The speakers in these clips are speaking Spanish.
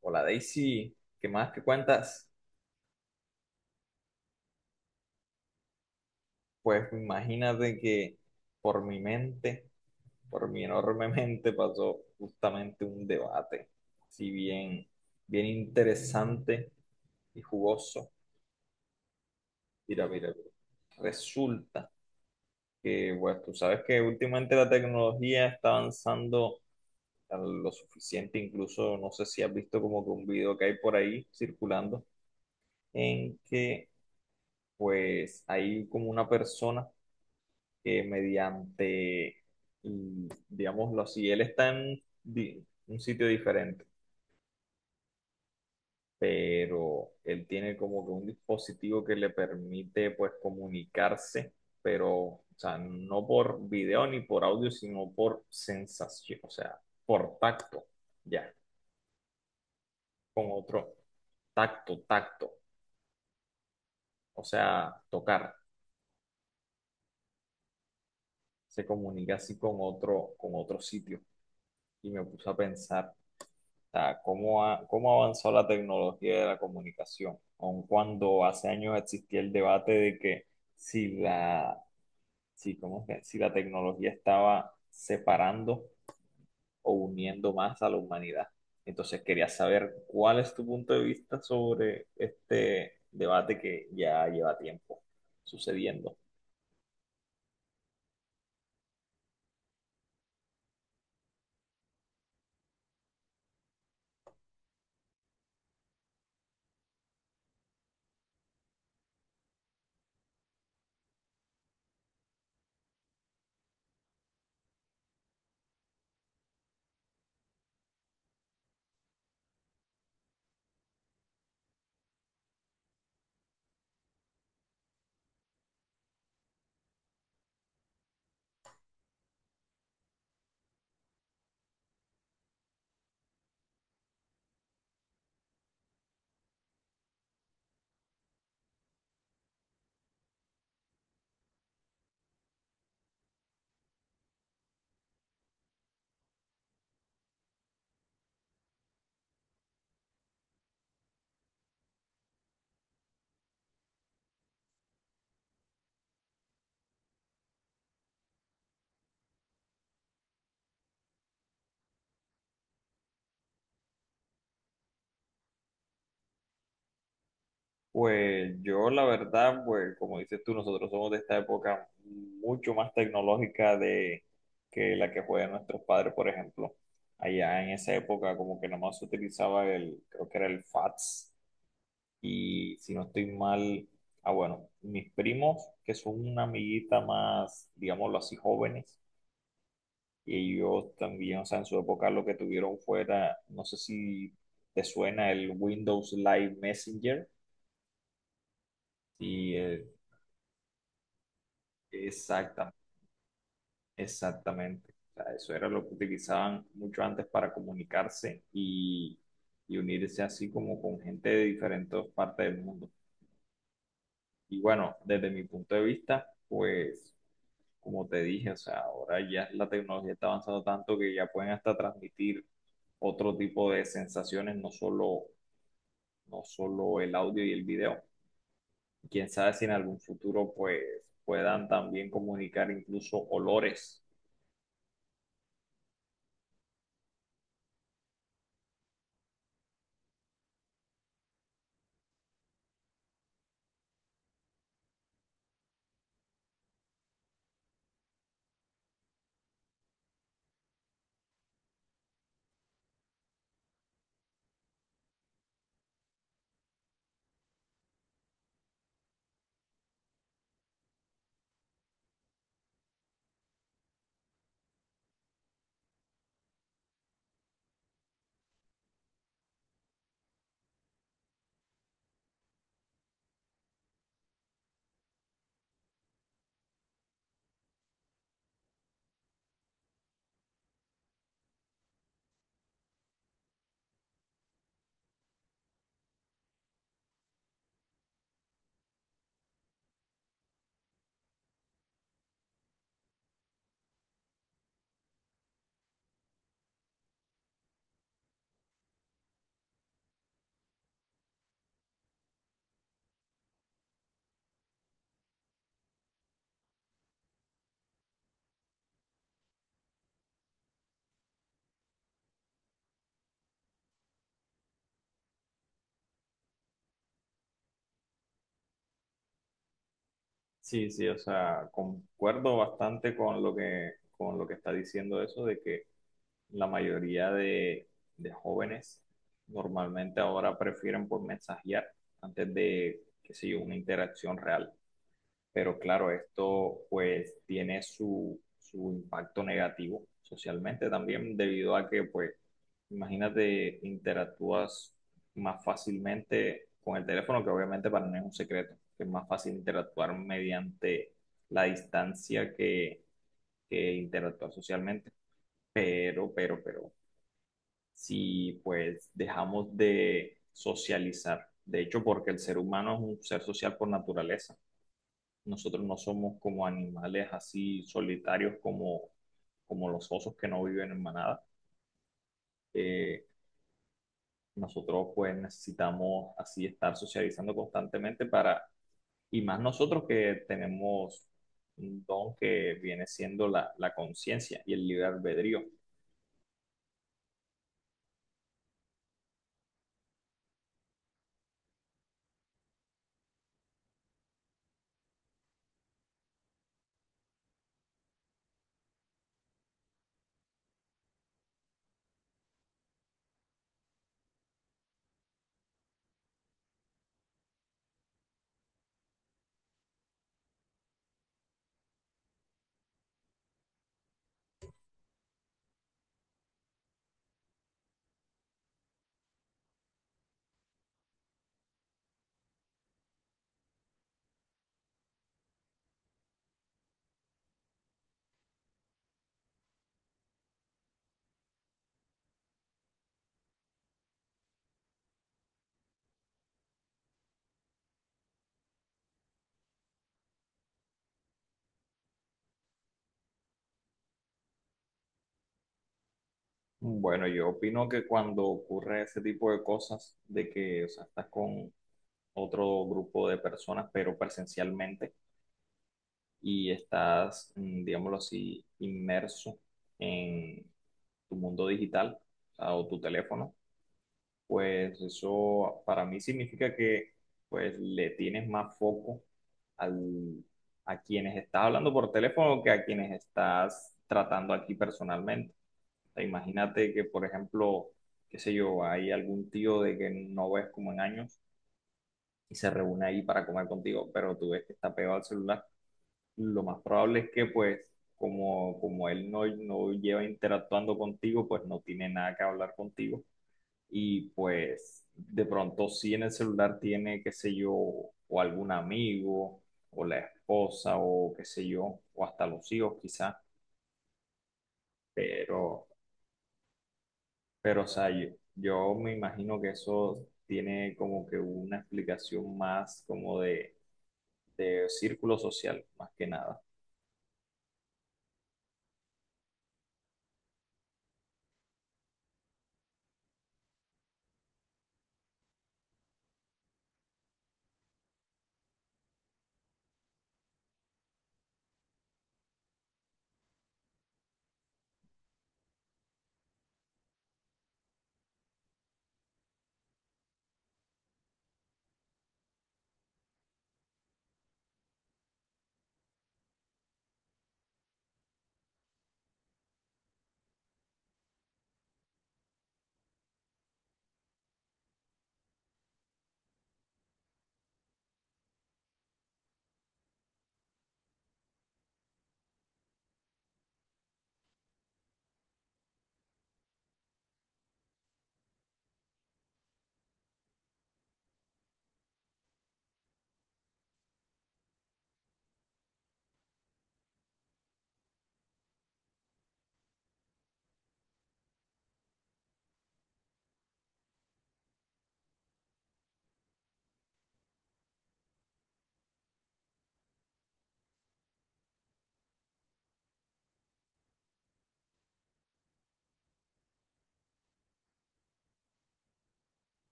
Hola Daisy, ¿qué más que cuentas? Pues imagínate que por mi mente, por mi enorme mente pasó justamente un debate, si bien, bien interesante y jugoso. Mira, mira, mira. Resulta que, pues tú sabes que últimamente la tecnología está avanzando a lo suficiente, incluso no sé si has visto como que un video que hay por ahí circulando, en que pues hay como una persona que mediante, digámoslo así, él está en di- un sitio diferente, pero él tiene como que un dispositivo que le permite pues comunicarse, pero, o sea, no por video ni por audio, sino por sensación, o sea, por tacto, ya, con otro tacto, tacto, o sea, tocar. Se comunica así con otro sitio. Y me puse a pensar, o sea, ¿cómo avanzó la tecnología de la comunicación? Aun cuando hace años existía el debate de que si la, si, ¿cómo es que? Si la tecnología estaba separando o uniendo más a la humanidad. Entonces quería saber cuál es tu punto de vista sobre este debate que ya lleva tiempo sucediendo. Pues yo la verdad, pues como dices tú, nosotros somos de esta época mucho más tecnológica de que la que juegan nuestros padres, por ejemplo. Allá en esa época como que nomás se utilizaba el, creo que era el fax y si no estoy mal, ah bueno, mis primos que son una amiguita más, digámoslo así, jóvenes y ellos también, o sea, en su época lo que tuvieron fuera, no sé si te suena el Windows Live Messenger. Sí, exactamente. Exactamente. O sea, eso era lo que utilizaban mucho antes para comunicarse y unirse así como con gente de diferentes partes del mundo. Y bueno, desde mi punto de vista, pues como te dije, o sea, ahora ya la tecnología está avanzando tanto que ya pueden hasta transmitir otro tipo de sensaciones, no solo el audio y el video. Quién sabe si en algún futuro pues puedan también comunicar incluso olores. Sí, sí, o sea, concuerdo bastante con con lo que está diciendo eso de que la mayoría de, de jóvenes normalmente ahora prefieren por mensajear antes de, qué sé yo, una interacción real, pero claro, esto pues tiene su impacto negativo socialmente también debido a que pues imagínate interactúas más fácilmente con el teléfono, que obviamente para mí es un secreto, que es más fácil interactuar mediante la distancia que, que interactuar socialmente, pero si pues dejamos de socializar, de hecho porque el ser humano es un ser social por naturaleza, nosotros no somos como animales así solitarios como, como los osos que no viven en manada. Eh, Nosotros pues necesitamos así estar socializando constantemente para, y más nosotros que tenemos un don que viene siendo la conciencia y el libre albedrío. Bueno, yo opino que cuando ocurre ese tipo de cosas, de que o sea, estás con otro grupo de personas, pero presencialmente, y estás, digámoslo así, inmerso en tu mundo digital, o tu teléfono, pues eso para mí significa que pues le tienes más foco al, a quienes estás hablando por teléfono que a quienes estás tratando aquí personalmente. O sea, imagínate que, por ejemplo, qué sé yo, hay algún tío de que no ves como en años y se reúne ahí para comer contigo, pero tú ves que está pegado al celular. Lo más probable es que pues como, como él no lleva interactuando contigo, pues no tiene nada que hablar contigo. Y pues de pronto si en el celular tiene, qué sé yo, o algún amigo, o la esposa, o qué sé yo, o hasta los hijos quizás, pero, pero o sea, yo me imagino que eso tiene como que una explicación más como de círculo social, más que nada.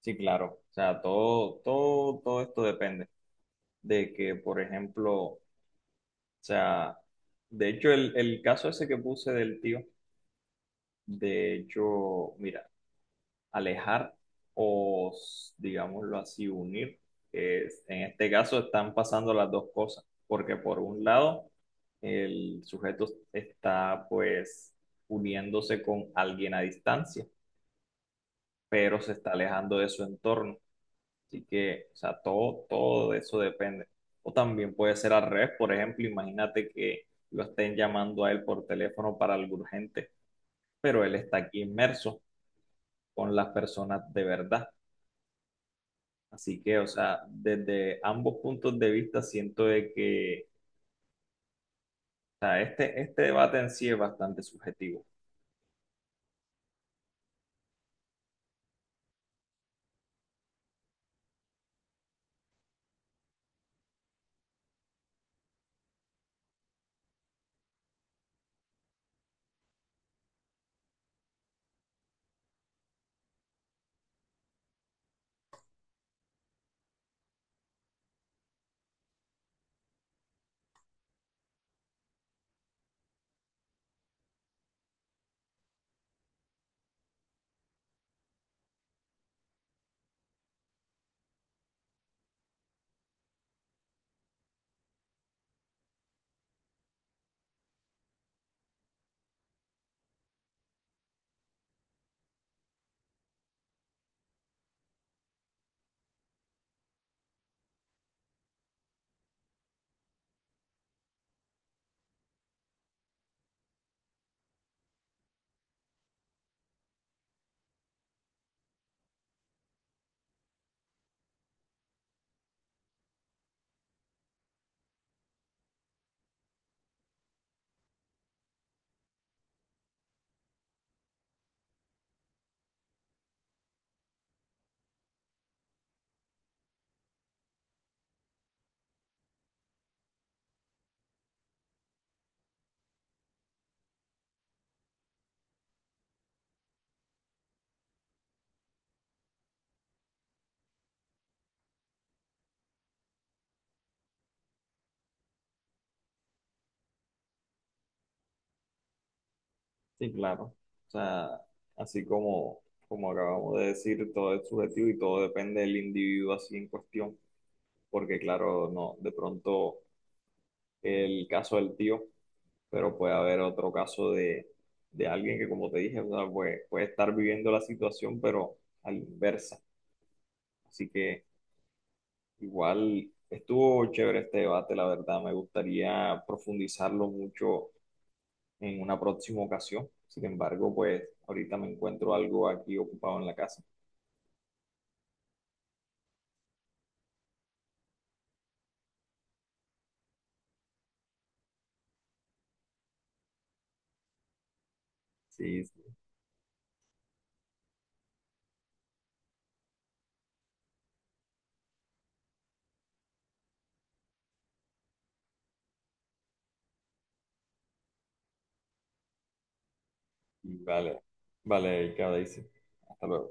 Sí, claro. O sea, todo, todo, todo esto depende de que, por ejemplo, o sea, de hecho, el caso ese que puse del tío, de hecho, mira, alejar o, digámoslo así, unir, en este caso están pasando las dos cosas, porque por un lado, el sujeto está pues uniéndose con alguien a distancia, pero se está alejando de su entorno. Así que, o sea, todo, todo de eso depende. O también puede ser al revés, por ejemplo, imagínate que lo estén llamando a él por teléfono para algo urgente, pero él está aquí inmerso con las personas de verdad. Así que, o sea, desde ambos puntos de vista siento de que, o sea, este debate en sí es bastante subjetivo. Sí, claro. O sea, así como, como acabamos de decir, todo es subjetivo y todo depende del individuo así en cuestión, porque claro, no, de pronto el caso del tío, pero puede haber otro caso de alguien que, como te dije, o sea, puede estar viviendo la situación, pero a la inversa. Así que igual estuvo chévere este debate, la verdad, me gustaría profundizarlo mucho en una próxima ocasión. Sin embargo, pues ahorita me encuentro algo aquí ocupado en la casa. Sí, sí. Y vale, vale, Erika, Daisy. Hasta luego.